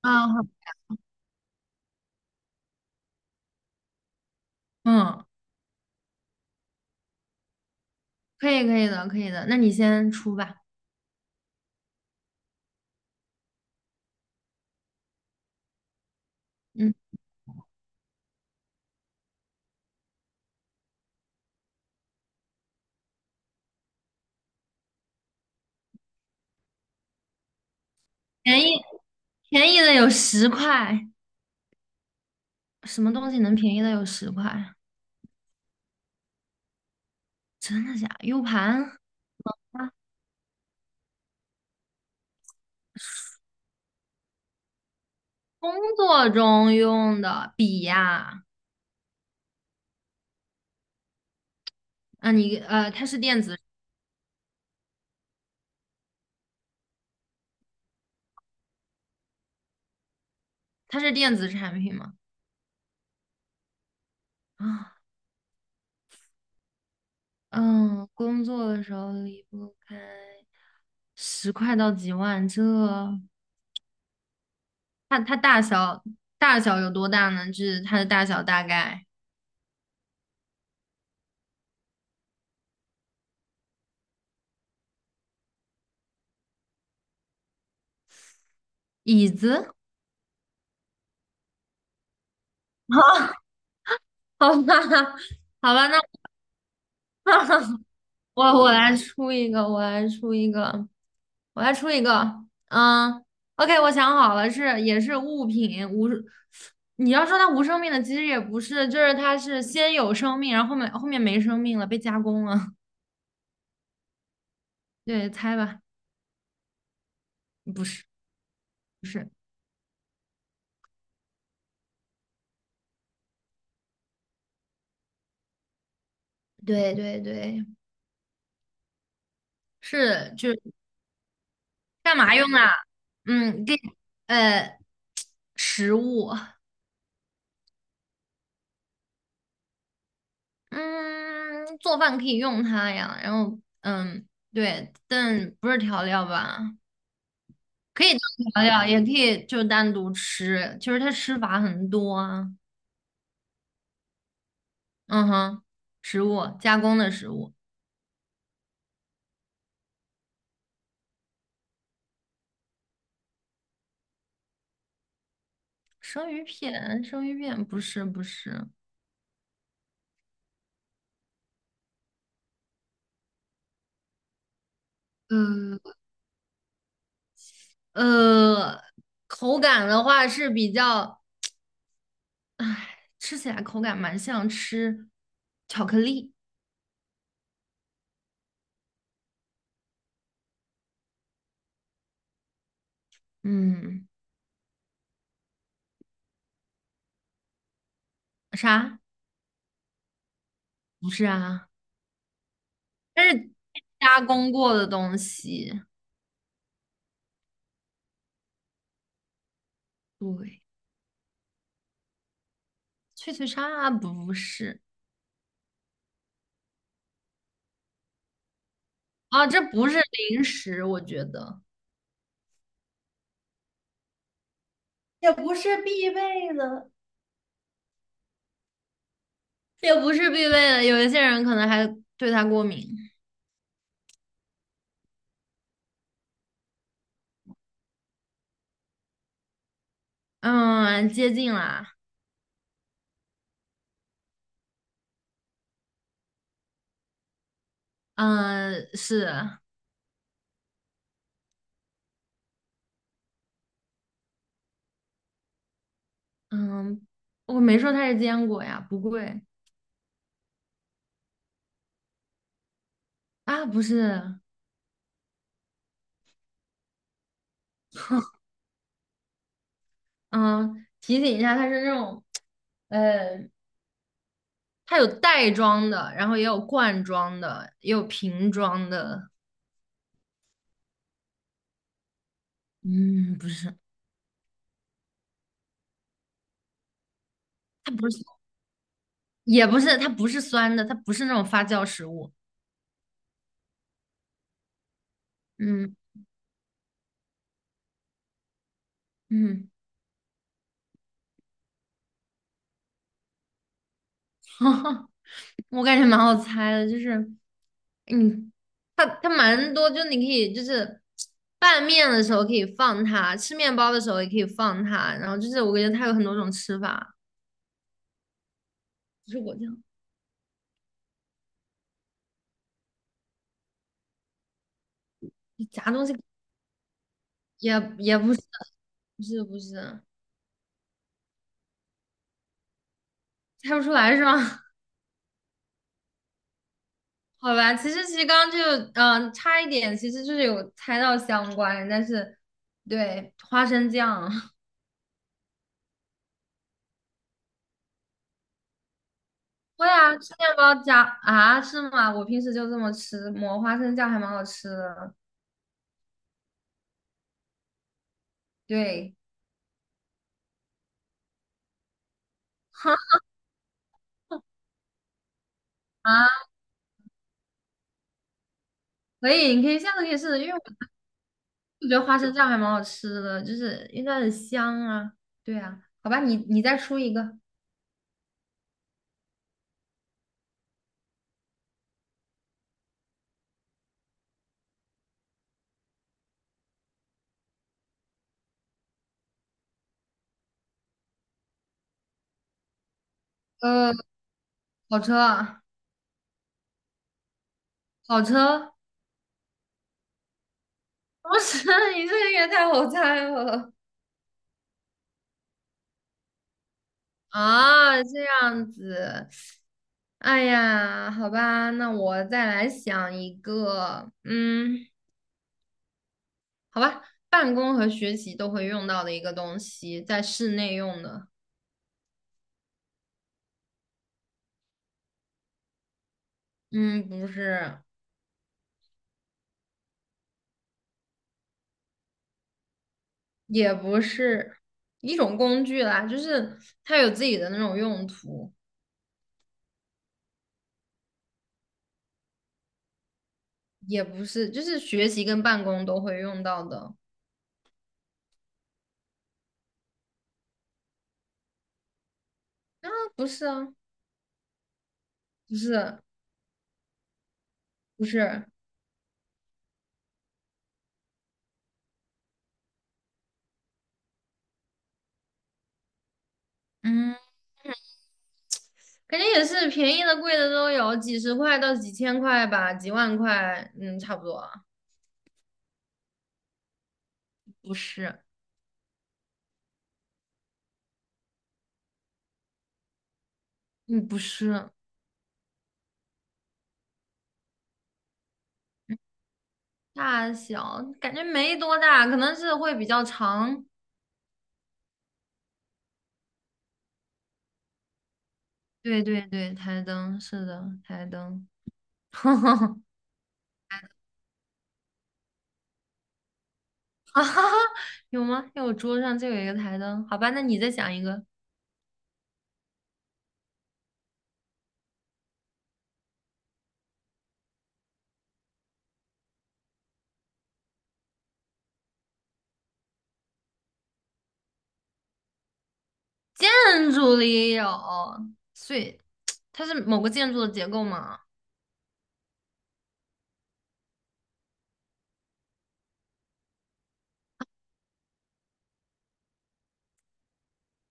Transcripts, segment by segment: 啊，好。嗯，可以可以的，可以的，那你先出吧。嗯，便宜便宜的有十块。什么东西能便宜的有十块？真的假？U 盘？啊，工作中用的笔呀。啊，你它是电子。它是电子产品吗？啊。嗯，工作的时候离不开，十块到几万。这它大小有多大呢？就是它的大小大概。椅子。啊。好吧，好吧，那 我来出一个，我来出一个，我来出一个。嗯，OK,我想好了，是也是物品无。你要说它无生命的，其实也不是，就是它是先有生命，然后后面没生命了，被加工了。对，猜吧。不是不是。对对对，是就是。干嘛用啊？嗯，给呃食物。嗯，做饭可以用它呀，然后嗯，对，但不是调料吧？可以当调料，也可以就单独吃。就是它吃法很多啊。嗯哼。食物，加工的食物。生鱼片。生鱼片不是。不是。呃呃，口感的话是比较。吃起来口感蛮像吃巧克力。嗯。啥？不是啊。它是加工过的东西。对。脆脆鲨不是。啊，这不是零食，我觉得。也不是必备的，也不是必备的，有一些人可能还对它过敏。嗯，接近啦。嗯，是。嗯，我没说它是坚果呀，不贵。啊，不是。嗯，提醒一下，它是那种，呃，它有袋装的，然后也有罐装的，也有瓶装的。嗯，不是。它不是。也不是，它不是酸的，它不是那种发酵食物。嗯嗯。我感觉蛮好猜的，就是嗯，它蛮多，就你可以就是拌面的时候可以放它，吃面包的时候也可以放它，然后就是我感觉它有很多种吃法。不是果酱。你夹东西。也也不是。不是不是。猜不出来是吗？好吧，其实刚刚就差一点，其实就是有猜到相关，但是对。花生酱。会啊，吃面包加啊。是吗？我平时就这么吃，抹花生酱还蛮好吃的。对。哈 啊，可以，你可以下次可以试试，因为我觉得花生酱还蛮好吃的，就是因为它很香啊。对啊，好吧，你再出一个。呃，跑车啊。跑车。不是。你这个也太好猜了。啊，这样子。哎呀，好吧，那我再来想一个。嗯。好吧，办公和学习都会用到的一个东西，在室内用的。嗯，不是。也不是。一种工具啦，就是它有自己的那种用途。也不是，就是学习跟办公都会用到的。啊，不是啊。不是。不是。嗯，肯定也是便宜的、贵的都有，几十块到几千块吧，几万块，嗯，差不多啊。不是。嗯，不是。大小感觉没多大，可能是会比较长。对对对，台灯是的，台灯。啊哈哈。有吗？因为我桌上就有一个台灯。好吧，那你再讲一个。建筑里有，所以它是某个建筑的结构吗？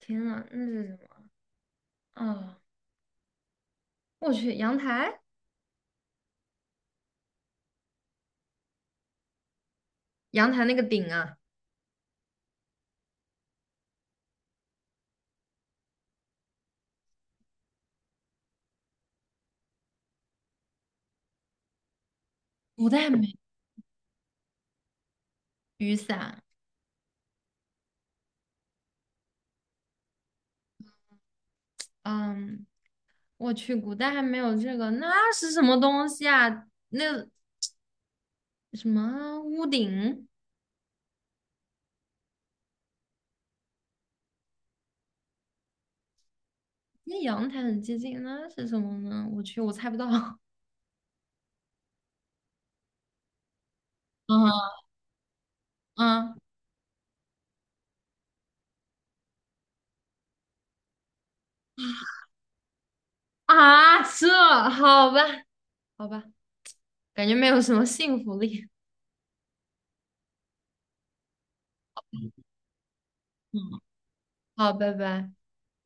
天呐，那是什么啊？我去，阳台。阳台那个顶啊。古代没雨伞。嗯，我去，古代还没有这个，那是什么东西啊？那什么屋顶？那阳台很接近，那是什么呢？我去，我猜不到。嗯嗯，啊，这。好吧，好吧，感觉没有什么信服力。嗯，好，拜拜。